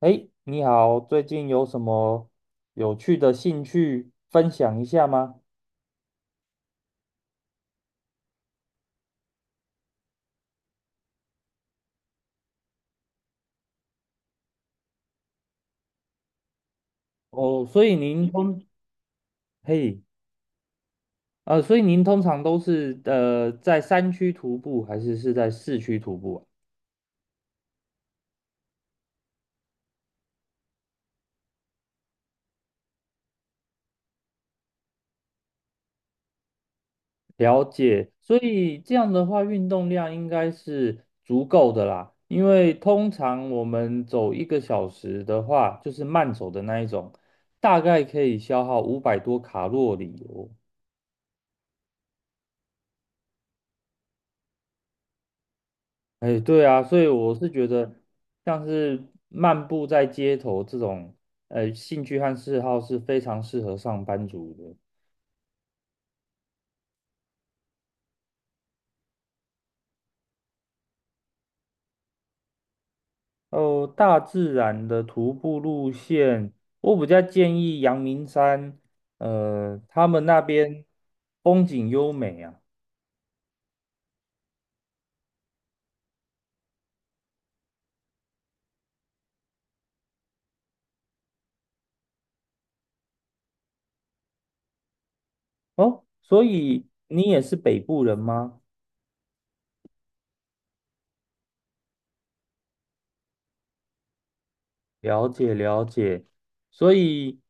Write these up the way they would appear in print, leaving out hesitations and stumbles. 哎，你好，最近有什么有趣的兴趣分享一下吗？哦，所以您通，嘿，所以您通常都是在山区徒步，还是是在市区徒步啊？了解，所以这样的话，运动量应该是足够的啦。因为通常我们走一个小时的话，就是慢走的那一种，大概可以消耗五百多卡路里哦。哎，对啊，所以我是觉得，像是漫步在街头这种，兴趣和嗜好是非常适合上班族的。哦，大自然的徒步路线，我比较建议阳明山，他们那边风景优美啊。哦，所以你也是北部人吗？了解了解，所以，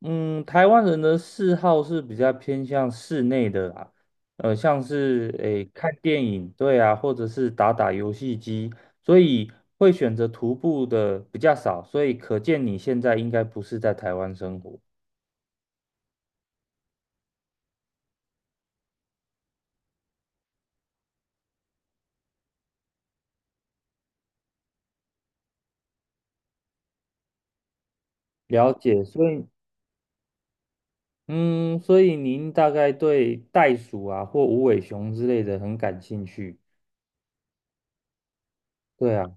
嗯，台湾人的嗜好是比较偏向室内的啦，像是诶看电影，对啊，或者是打打游戏机，所以会选择徒步的比较少，所以可见你现在应该不是在台湾生活。了解，所以，嗯，所以您大概对袋鼠啊或无尾熊之类的很感兴趣，对啊。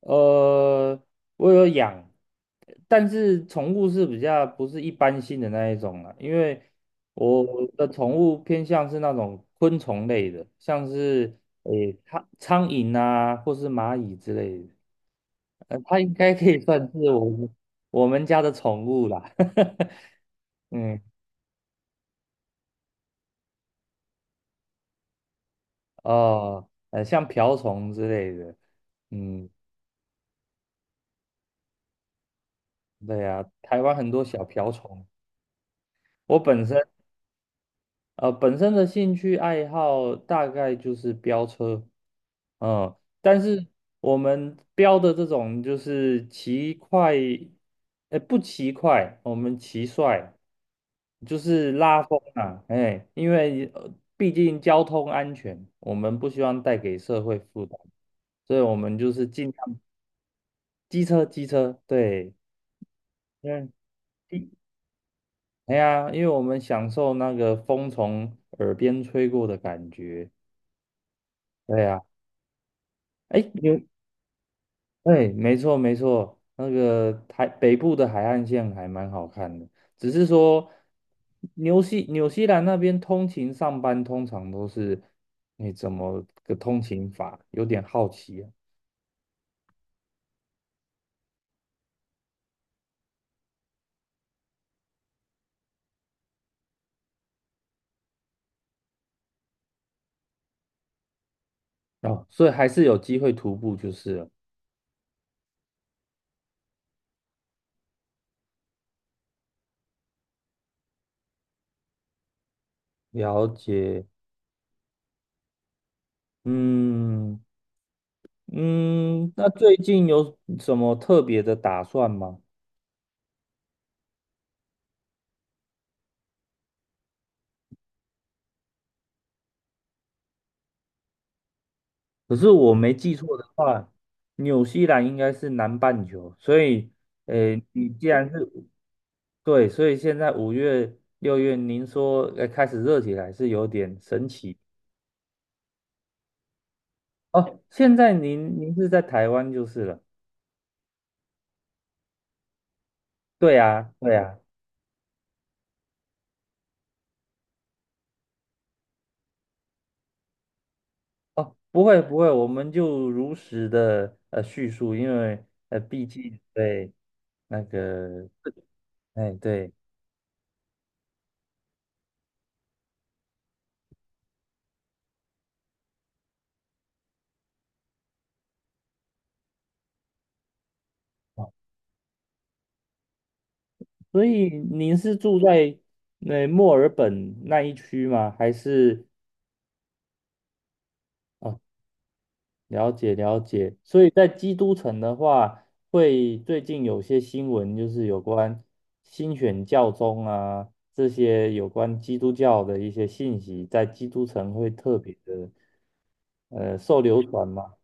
呃，我有养，但是宠物是比较不是一般性的那一种啦，因为我的宠物偏向是那种昆虫类的，像是诶苍蝇啊，或是蚂蚁之类的，它应该可以算是我们家的宠物啦，嗯，哦，像瓢虫之类的，嗯，对啊，台湾很多小瓢虫。我本身本身的兴趣爱好大概就是飙车，嗯，但是我们飙的这种就是骑快。哎，不骑快，我们骑帅，就是拉风啊。哎，因为毕竟交通安全，我们不希望带给社会负担，所以我们就是尽量机车，对，嗯，为机哎呀，因为我们享受那个风从耳边吹过的感觉，对呀。哎，有。哎，没错没错，那个海北部的海岸线还蛮好看的，只是说纽西兰那边通勤上班通常都是，你怎么个通勤法？有点好奇啊。哦，所以还是有机会徒步就是了。了解，嗯嗯，那最近有什么特别的打算吗？可是我没记错的话，纽西兰应该是南半球，所以，你既然是对，所以现在五月、六月，您说开始热起来是有点神奇。哦。现在您是在台湾就是了。对啊，对啊。哦，不会不会，我们就如实的叙述，因为毕竟对那个哎对。哦，所以您是住在那墨尔本那一区吗？还是？哦，了解了解，所以在基督城的话，会最近有些新闻就是有关新选教宗啊，这些有关基督教的一些信息，在基督城会特别的受流传嘛。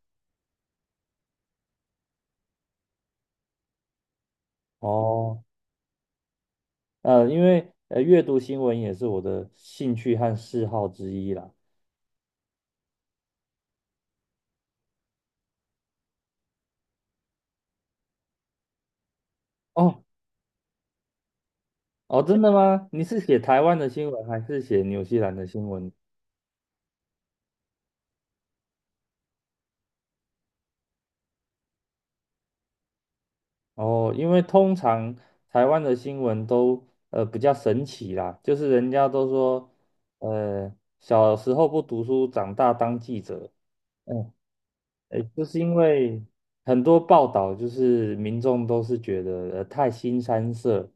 哦，因为阅读新闻也是我的兴趣和嗜好之一啦。哦，哦，真的吗？你是写台湾的新闻还是写纽西兰的新闻？哦，因为通常台湾的新闻都比较神奇啦，就是人家都说，呃，小时候不读书，长大当记者，嗯，诶，就是因为很多报道就是民众都是觉得太腥膻色，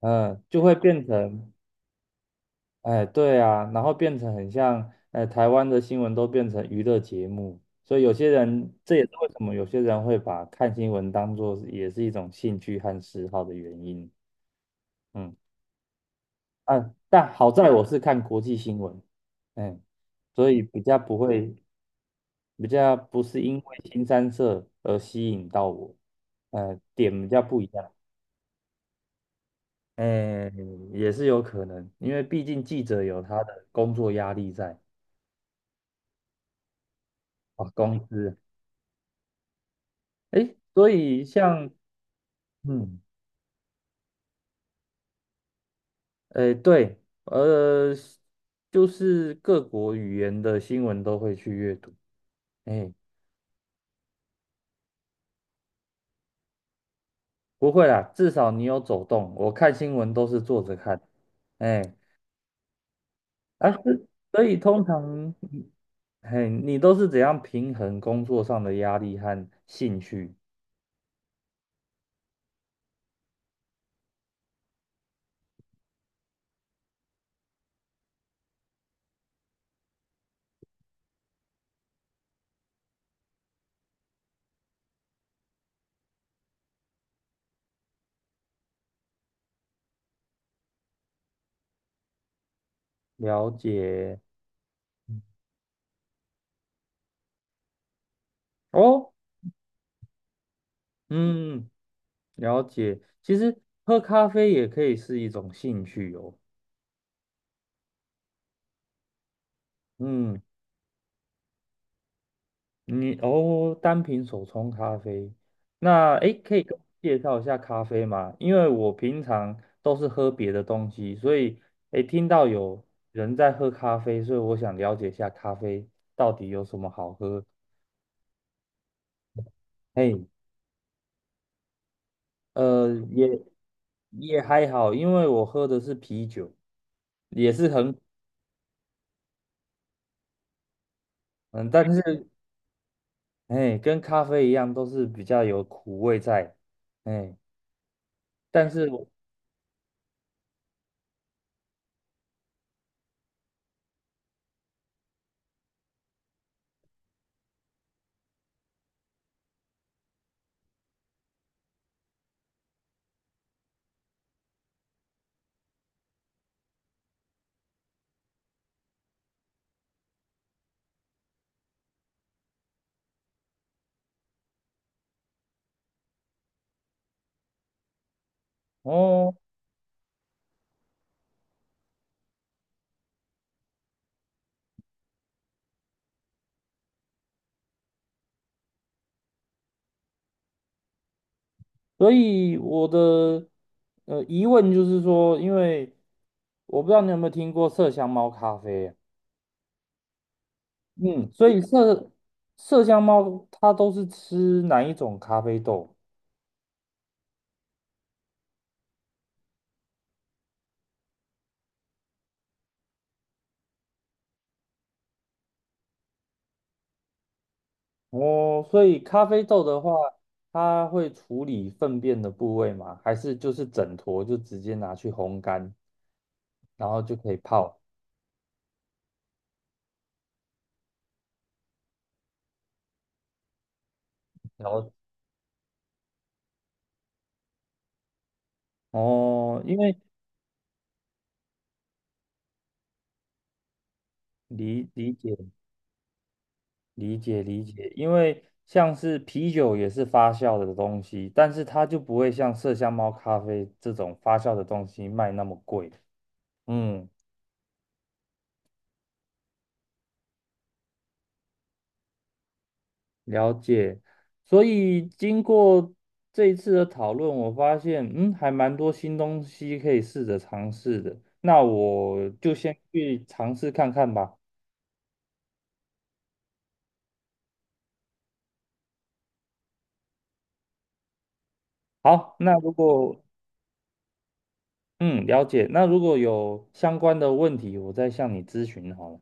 嗯，就会变成，哎，对啊，然后变成很像，台湾的新闻都变成娱乐节目，所以有些人这也是为什么有些人会把看新闻当做也是一种兴趣和嗜好的原因。嗯啊，但好在我是看国际新闻，嗯，所以比较不会，比较不是因为新三色而吸引到我，点比较不一样，哎，也是有可能，因为毕竟记者有他的工作压力在啊，工资，哎，所以像，嗯，哎，对，呃，就是各国语言的新闻都会去阅读，哎，不会啦，至少你有走动。我看新闻都是坐着看，哎，啊是 所以通常，嘿，你都是怎样平衡工作上的压力和兴趣？了解哦，嗯，了解。其实喝咖啡也可以是一种兴趣哦，嗯。你哦，单品手冲咖啡，那诶，可以跟我介绍一下咖啡吗？因为我平常都是喝别的东西，所以诶，听到有人在喝咖啡，所以我想了解一下咖啡到底有什么好喝。嘿，也也还好，因为我喝的是啤酒，也是很嗯，但是哎，跟咖啡一样，都是比较有苦味在，哎，但是哦。所以我的疑问就是说，因为我不知道你有没有听过麝香猫咖啡啊，嗯，所以麝香猫它都是吃哪一种咖啡豆？哦，所以咖啡豆的话，它会处理粪便的部位吗？还是就是整坨就直接拿去烘干，然后就可以泡？然后哦，因为理解。理解理解，因为像是啤酒也是发酵的东西，但是它就不会像麝香猫咖啡这种发酵的东西卖那么贵。嗯，了解。所以经过这一次的讨论，我发现嗯，还蛮多新东西可以试着尝试的。那我就先去尝试看看吧。好，那如果嗯了解，那如果有相关的问题，我再向你咨询好了。